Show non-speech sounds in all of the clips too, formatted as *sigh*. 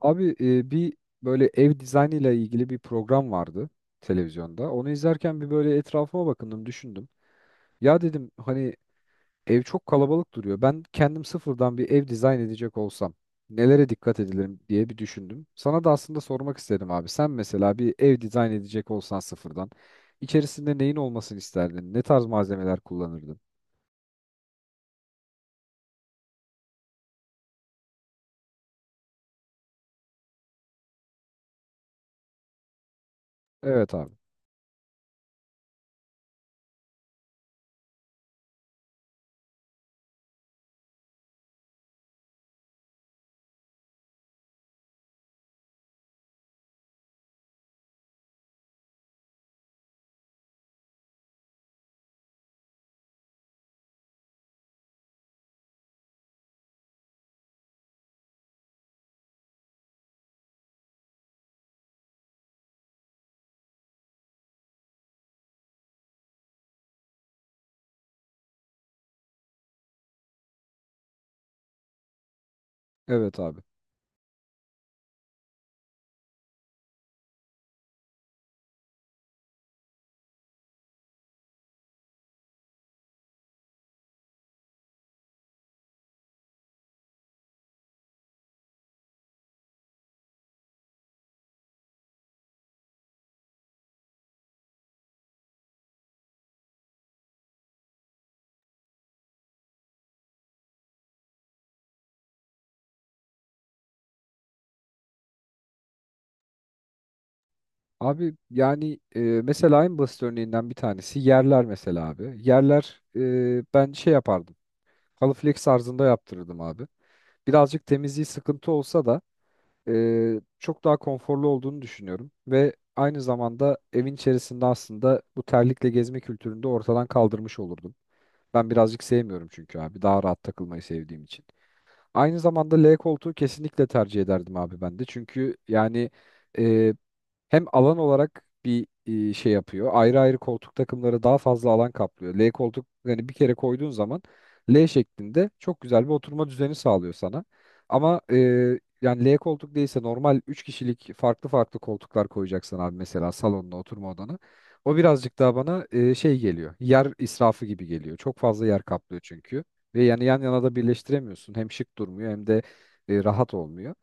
Abi bir böyle ev dizaynıyla ilgili bir program vardı televizyonda. Onu izlerken bir böyle etrafıma bakındım, düşündüm. Ya dedim hani ev çok kalabalık duruyor. Ben kendim sıfırdan bir ev dizayn edecek olsam nelere dikkat edilirim diye bir düşündüm. Sana da aslında sormak istedim abi. Sen mesela bir ev dizayn edecek olsan sıfırdan içerisinde neyin olmasını isterdin? Ne tarz malzemeler kullanırdın? Evet abi. Evet abi. Abi yani mesela en basit örneğinden bir tanesi yerler mesela abi. Yerler ben şey yapardım. Halı flex tarzında yaptırırdım abi. Birazcık temizliği sıkıntı olsa da çok daha konforlu olduğunu düşünüyorum. Ve aynı zamanda evin içerisinde aslında bu terlikle gezme kültürünü de ortadan kaldırmış olurdum. Ben birazcık sevmiyorum çünkü abi. Daha rahat takılmayı sevdiğim için. Aynı zamanda L koltuğu kesinlikle tercih ederdim abi ben de. Çünkü yani... Hem alan olarak bir şey yapıyor. Ayrı ayrı koltuk takımları daha fazla alan kaplıyor. L koltuk yani bir kere koyduğun zaman L şeklinde çok güzel bir oturma düzeni sağlıyor sana. Ama yani L koltuk değilse normal 3 kişilik farklı farklı koltuklar koyacaksın abi mesela salonuna oturma odana. O birazcık daha bana şey geliyor. Yer israfı gibi geliyor. Çok fazla yer kaplıyor çünkü. Ve yani yan yana da birleştiremiyorsun. Hem şık durmuyor hem de rahat olmuyor.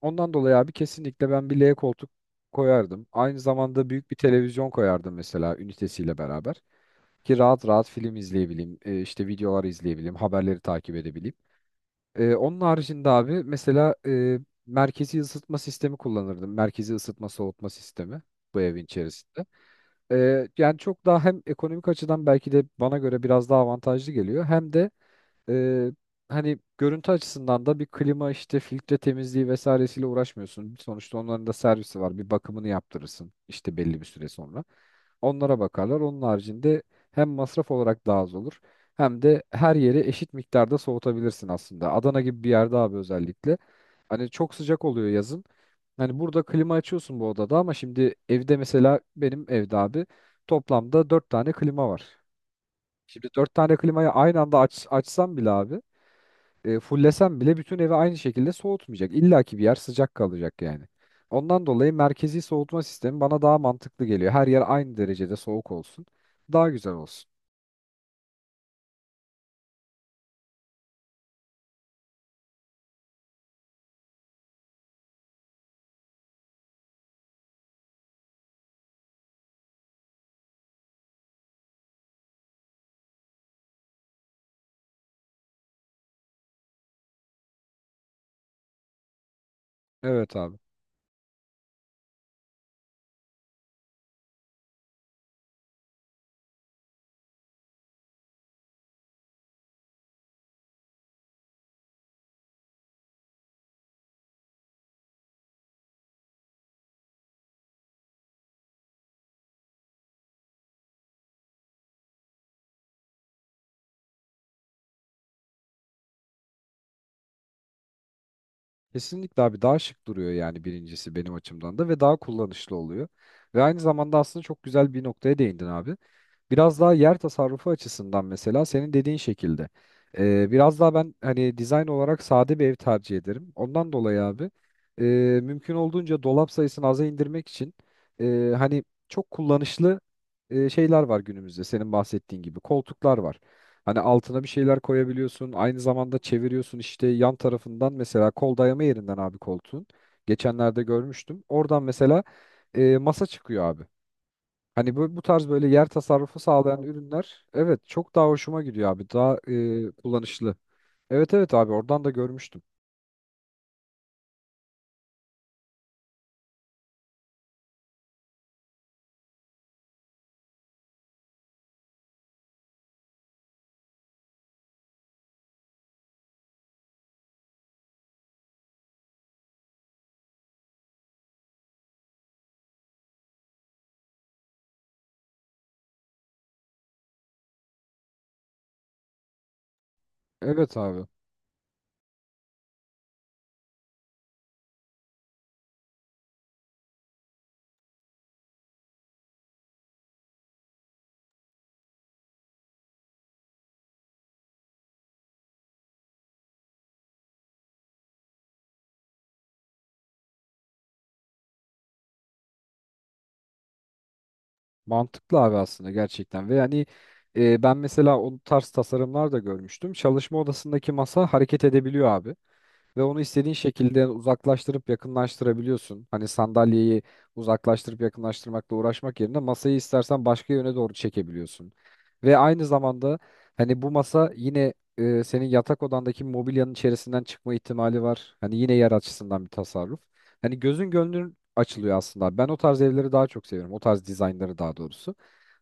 Ondan dolayı abi kesinlikle ben bir L koltuk koyardım. Aynı zamanda büyük bir televizyon koyardım mesela ünitesiyle beraber. Ki rahat rahat film izleyebileyim, işte videolar izleyebileyim, haberleri takip edebileyim. Onun haricinde abi mesela merkezi ısıtma sistemi kullanırdım. Merkezi ısıtma soğutma sistemi bu evin içerisinde. Yani çok daha hem ekonomik açıdan belki de bana göre biraz daha avantajlı geliyor. Hem de ee, hani görüntü açısından da bir klima işte filtre temizliği vesairesiyle uğraşmıyorsun. Sonuçta onların da servisi var. Bir bakımını yaptırırsın işte belli bir süre sonra. Onlara bakarlar. Onun haricinde hem masraf olarak daha az olur hem de her yeri eşit miktarda soğutabilirsin aslında. Adana gibi bir yerde abi özellikle. Hani çok sıcak oluyor yazın. Hani burada klima açıyorsun bu odada ama şimdi evde mesela benim evde abi toplamda dört tane klima var. Şimdi dört tane klimayı aynı anda açsam bile abi fullesem bile bütün evi aynı şekilde soğutmayacak. İlla ki bir yer sıcak kalacak yani. Ondan dolayı merkezi soğutma sistemi bana daha mantıklı geliyor. Her yer aynı derecede soğuk olsun. Daha güzel olsun. Evet abi. Kesinlikle abi daha şık duruyor yani birincisi benim açımdan da ve daha kullanışlı oluyor. Ve aynı zamanda aslında çok güzel bir noktaya değindin abi. Biraz daha yer tasarrufu açısından mesela senin dediğin şekilde. Biraz daha ben hani dizayn olarak sade bir ev tercih ederim. Ondan dolayı abi e, mümkün olduğunca dolap sayısını aza indirmek için hani çok kullanışlı şeyler var günümüzde senin bahsettiğin gibi. Koltuklar var. Hani altına bir şeyler koyabiliyorsun. Aynı zamanda çeviriyorsun işte yan tarafından mesela kol dayama yerinden abi koltuğun. Geçenlerde görmüştüm. Oradan mesela masa çıkıyor abi. Hani bu tarz böyle yer tasarrufu sağlayan ürünler evet çok daha hoşuma gidiyor abi. Daha kullanışlı. Evet evet abi oradan da görmüştüm. Evet abi. Mantıklı abi aslında gerçekten. Ve yani ben mesela o tarz tasarımlar da görmüştüm. Çalışma odasındaki masa hareket edebiliyor abi. Ve onu istediğin şekilde uzaklaştırıp yakınlaştırabiliyorsun. Hani sandalyeyi uzaklaştırıp yakınlaştırmakla uğraşmak yerine masayı istersen başka yöne doğru çekebiliyorsun. Ve aynı zamanda hani bu masa yine senin yatak odandaki mobilyanın içerisinden çıkma ihtimali var. Hani yine yer açısından bir tasarruf. Hani gözün gönlün açılıyor aslında. Ben o tarz evleri daha çok seviyorum. O tarz dizaynları daha doğrusu.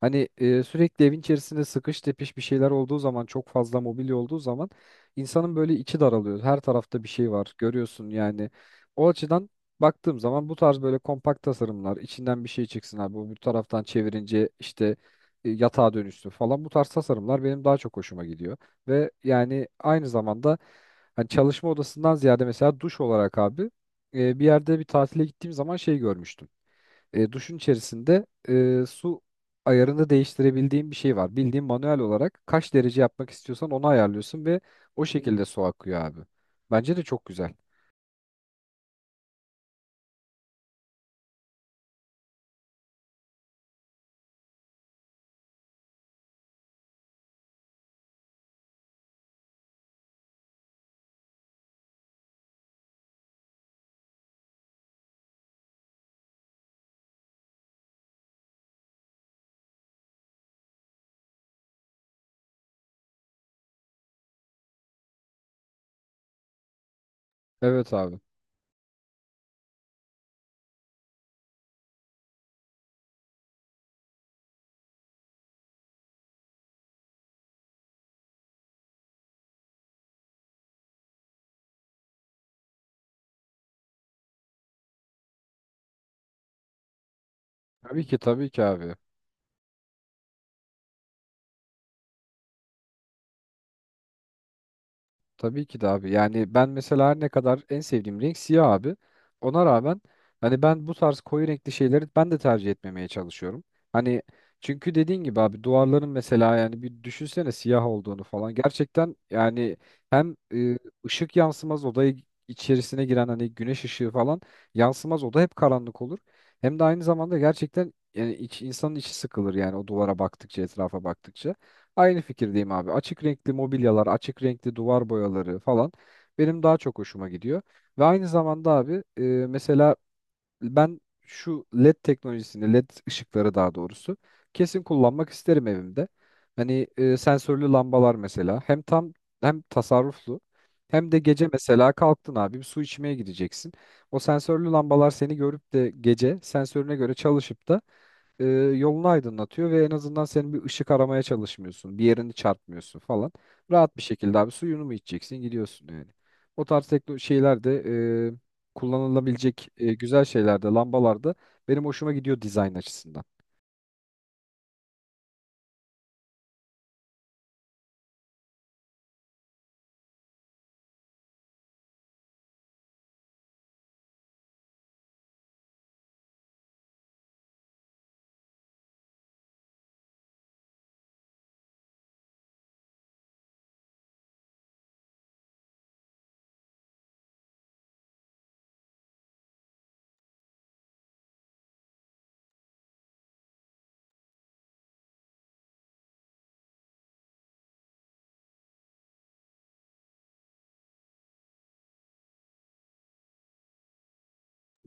Hani sürekli evin içerisinde sıkış tepiş bir şeyler olduğu zaman çok fazla mobilya olduğu zaman insanın böyle içi daralıyor. Her tarafta bir şey var. Görüyorsun yani. O açıdan baktığım zaman bu tarz böyle kompakt tasarımlar, içinden bir şey çıksın abi. Bu taraftan çevirince işte yatağa dönüşsün falan. Bu tarz tasarımlar benim daha çok hoşuma gidiyor. Ve yani aynı zamanda hani çalışma odasından ziyade mesela duş olarak abi bir yerde bir tatile gittiğim zaman şey görmüştüm duşun içerisinde su ayarını değiştirebildiğin bir şey var. Bildiğin manuel olarak kaç derece yapmak istiyorsan onu ayarlıyorsun ve o şekilde su akıyor abi. Bence de çok güzel. Evet abi. Tabii ki tabii ki abi. Tabii ki de abi. Yani ben mesela her ne kadar en sevdiğim renk siyah abi. Ona rağmen hani ben bu tarz koyu renkli şeyleri ben de tercih etmemeye çalışıyorum. Hani çünkü dediğin gibi abi duvarların mesela yani bir düşünsene siyah olduğunu falan. Gerçekten yani hem ışık yansımaz odayı içerisine giren hani güneş ışığı falan yansımaz oda hep karanlık olur. Hem de aynı zamanda gerçekten yani insanın içi sıkılır yani o duvara baktıkça etrafa baktıkça. Aynı fikirdeyim abi. Açık renkli mobilyalar, açık renkli duvar boyaları falan benim daha çok hoşuma gidiyor. Ve aynı zamanda abi mesela ben şu LED teknolojisini, LED ışıkları daha doğrusu kesin kullanmak isterim evimde. Hani sensörlü lambalar mesela hem tam hem tasarruflu hem de gece mesela kalktın abi bir su içmeye gideceksin. O sensörlü lambalar seni görüp de gece sensörüne göre çalışıp da e, yolunu aydınlatıyor ve en azından senin bir ışık aramaya çalışmıyorsun. Bir yerini çarpmıyorsun falan. Rahat bir şekilde abi suyunu mu içeceksin gidiyorsun yani. O tarz tekno şeyler de kullanılabilecek güzel şeyler de lambalarda benim hoşuma gidiyor dizayn açısından.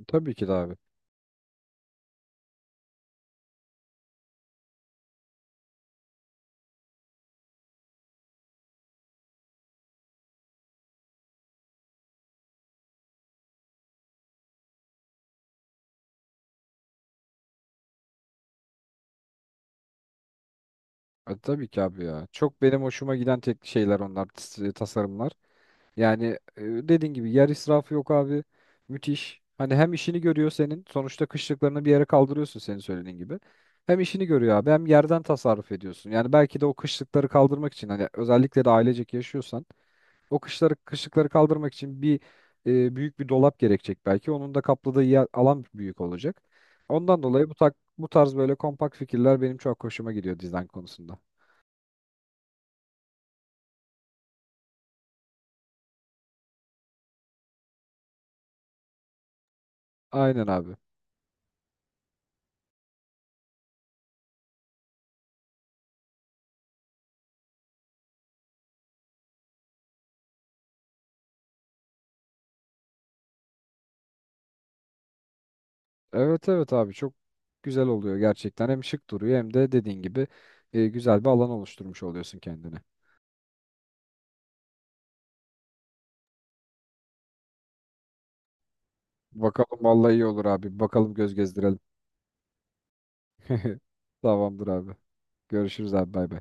Tabii ki de abi. Tabii ki abi ya. Çok benim hoşuma giden tek şeyler onlar tasarımlar. Yani dediğin gibi yer israfı yok abi. Müthiş. Hani hem işini görüyor senin. Sonuçta kışlıklarını bir yere kaldırıyorsun senin söylediğin gibi. Hem işini görüyor abi hem yerden tasarruf ediyorsun. Yani belki de o kışlıkları kaldırmak için hani özellikle de ailecek yaşıyorsan o kışlıkları kaldırmak için bir büyük bir dolap gerekecek belki. Onun da kapladığı yer, alan büyük olacak. Ondan dolayı bu bu tarz böyle kompakt fikirler benim çok hoşuma gidiyor dizayn konusunda. Aynen abi. Evet evet abi çok güzel oluyor gerçekten. Hem şık duruyor hem de dediğin gibi güzel bir alan oluşturmuş oluyorsun kendine. Bakalım vallahi iyi olur abi. Bakalım göz gezdirelim. *laughs* Tamamdır abi. Görüşürüz abi bay bay.